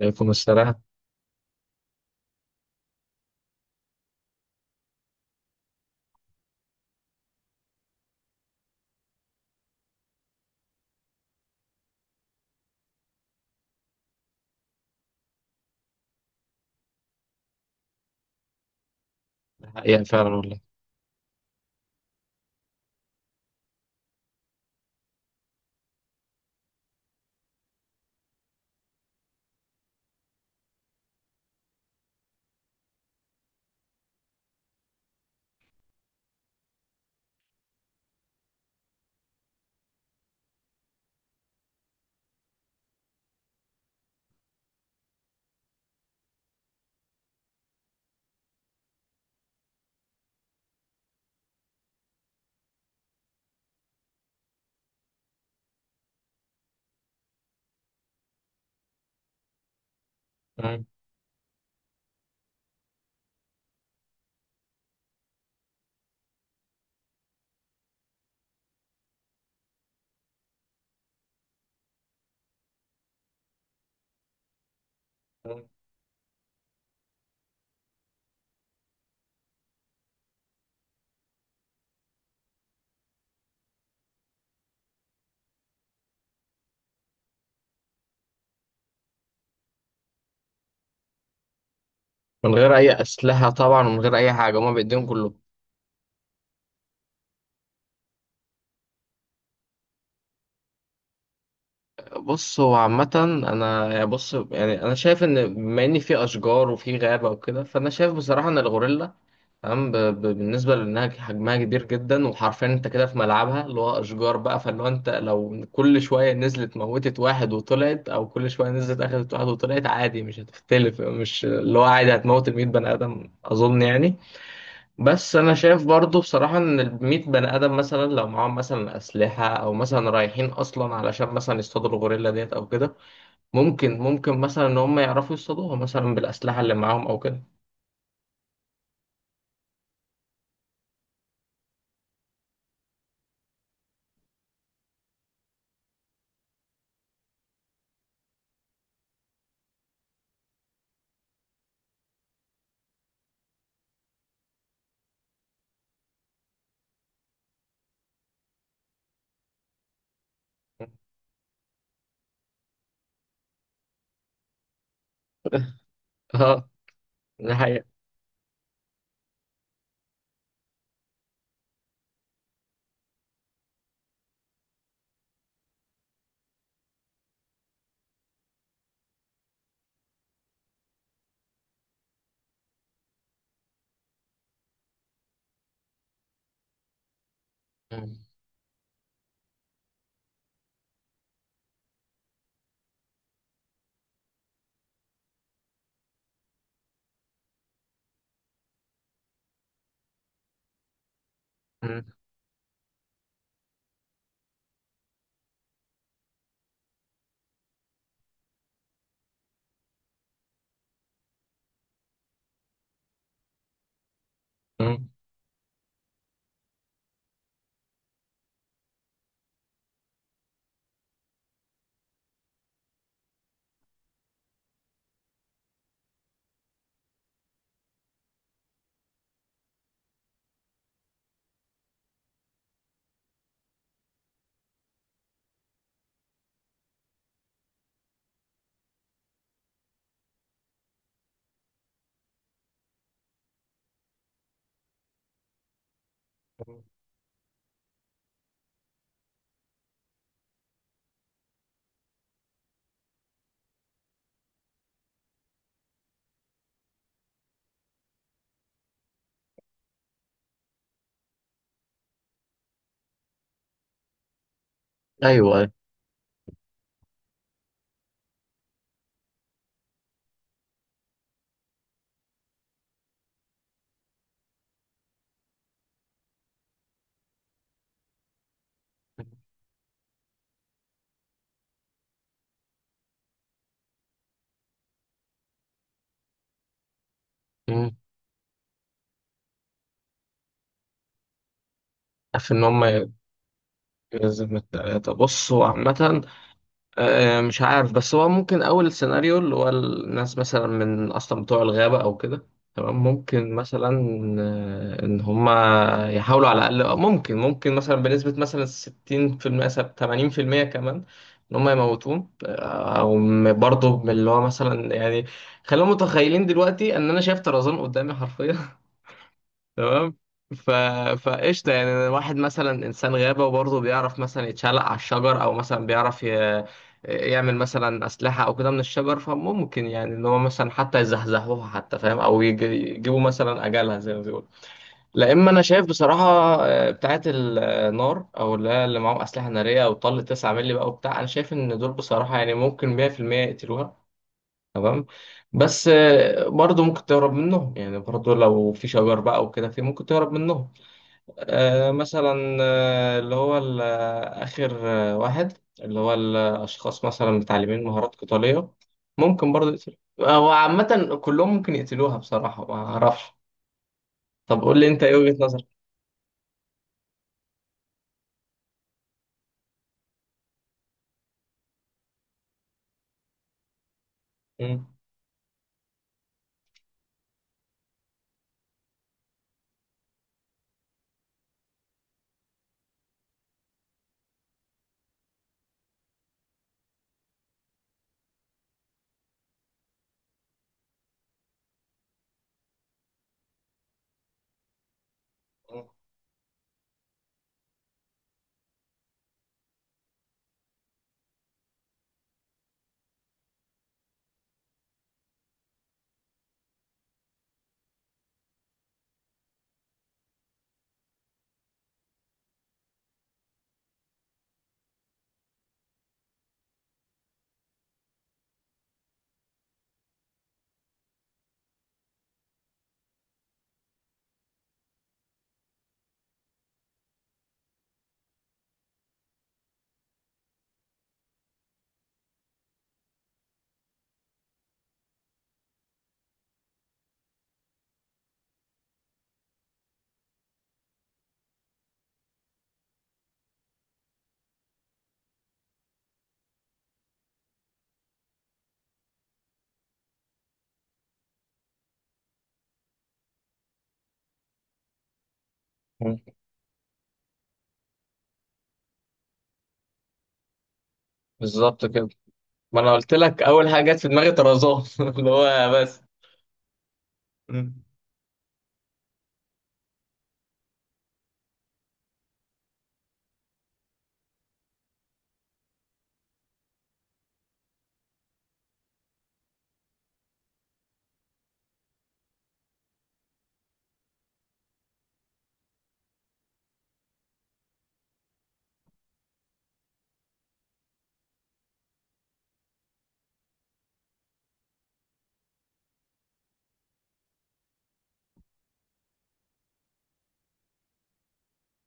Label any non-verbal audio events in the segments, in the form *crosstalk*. يكون الصراحة حقيقة فعلا والله. مم. مم. من غير أي أسلحة طبعا ومن غير أي حاجة هما بإيديهم كلهم. بص، هو عامة أنا يعني، بص، يعني أنا شايف إن بما إن في أشجار وفي غابة وكده، فأنا شايف بصراحة إن الغوريلا تمام. بالنسبة لأنها حجمها كبير جدا وحرفيا أنت كده في ملعبها اللي هو أشجار بقى، فاللي هو أنت لو كل شوية نزلت موتت واحد وطلعت أو كل شوية نزلت أخدت واحد وطلعت عادي، مش هتختلف، مش اللي هو عادي هتموت المية بني آدم أظن يعني. بس انا شايف برضو بصراحة ان الميت بني ادم مثلا لو معاهم مثلا اسلحة او مثلا رايحين اصلا علشان مثلا يصطادوا الغوريلا ديت او كده، ممكن ممكن مثلا ان هم يعرفوا يصطادوها مثلا بالاسلحة اللي معاهم او كده. *laughs* اه، ده حقيقة. مم. مم. مم. ايوه. مم. عارف ان هم يلزم التلاتة. بصوا عامة، مش عارف، بس هو ممكن أول سيناريو اللي هو الناس مثلا من أصلا بتوع الغابة أو كده تمام، ممكن مثلا إن هما يحاولوا على الأقل، ممكن ممكن مثلا بنسبة مثلا 60% 80% كمان إن هما يموتون، أو برضه من اللي هو مثلا يعني خلينا متخيلين دلوقتي إن أنا شايف طرزان قدامي حرفيا تمام. ف... فقشطة، يعني واحد مثلا إنسان غابة وبرضه بيعرف مثلا يتشعلق على الشجر، أو مثلا بيعرف يعمل مثلا أسلحة أو كده من الشجر، فممكن يعني إن هو مثلا حتى يزحزحوها حتى فاهم، أو يجيبوا مثلا أجلها زي ما بيقولوا. لا، إما أنا شايف بصراحة بتاعة النار، أو اللي هي اللي معاهم أسلحة نارية أو طل 9 مللي بقى وبتاع، أنا شايف إن دول بصراحة يعني ممكن 100% يقتلوها تمام. بس برضه ممكن تهرب منهم يعني، برضه لو في شجر بقى وكده، في ممكن تهرب منهم. مثلا اللي هو آخر واحد اللي هو الأشخاص مثلا متعلمين مهارات قتالية ممكن برضه يقتلوا، هو عامة كلهم ممكن يقتلوها بصراحة، ما أعرفش. طب قول لي أنت إيه وجهة نظرك؟ مم. مم. مم. بالظبط كده. ما أنا قلت لك أول حاجة جت في دماغي طرزان *laughs* اللي هو بس. مم.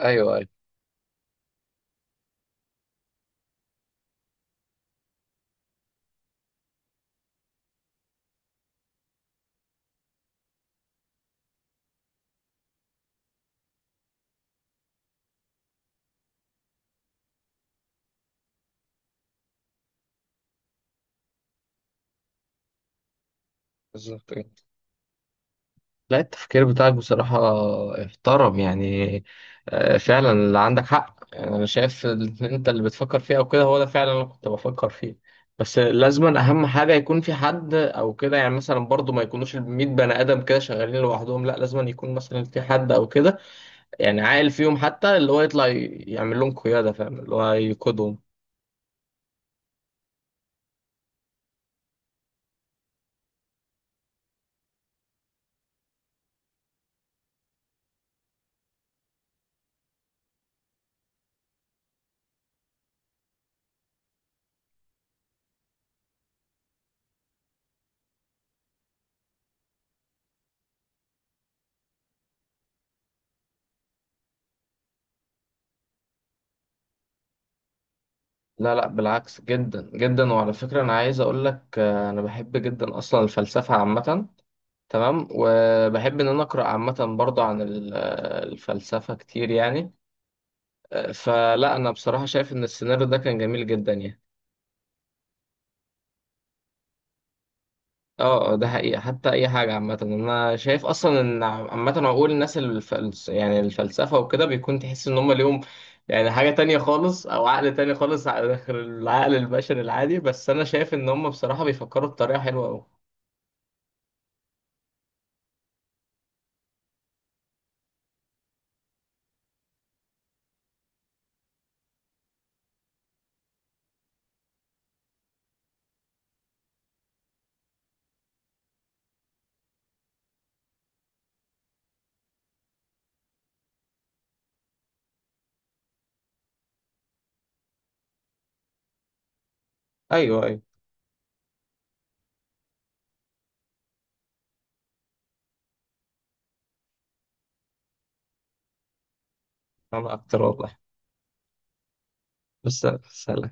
أيوه أيوه. بالظبط كده. لا، التفكير بتاعك بصراحة احترم يعني. فعلا اللي عندك حق يعني، أنا شايف إن أنت اللي بتفكر فيه أو كده هو ده فعلا اللي أنا كنت بفكر فيه. بس لازما أهم حاجة يكون في حد أو كده، يعني مثلا برضو ما يكونوش الميت بني آدم كده شغالين لوحدهم، لا لازما يكون مثلا في حد أو كده يعني عاقل فيهم، حتى اللي هو يطلع يعمل لهم قيادة فاهم اللي هو يقودهم. لا لا، بالعكس جدا جدا، وعلى فكرة أنا عايز أقول لك، أنا بحب جدا أصلا الفلسفة عامة تمام. وبحب ان انا اقرا عامه برضه عن الفلسفه كتير يعني. فلا انا بصراحه شايف ان السيناريو ده كان جميل جدا يعني. اه، ده حقيقه، حتى اي حاجه عامه، انا شايف اصلا ان عامه عقول الناس يعني الفلسفه وكده بيكون تحس ان هم ليهم يعني حاجه تانية خالص، او عقل تاني خالص، غير العقل البشري العادي، بس انا شايف ان هم بصراحه بيفكروا بطريقه حلوه قوي. ايوه ايوه. انا اكتر والله. بس سلام.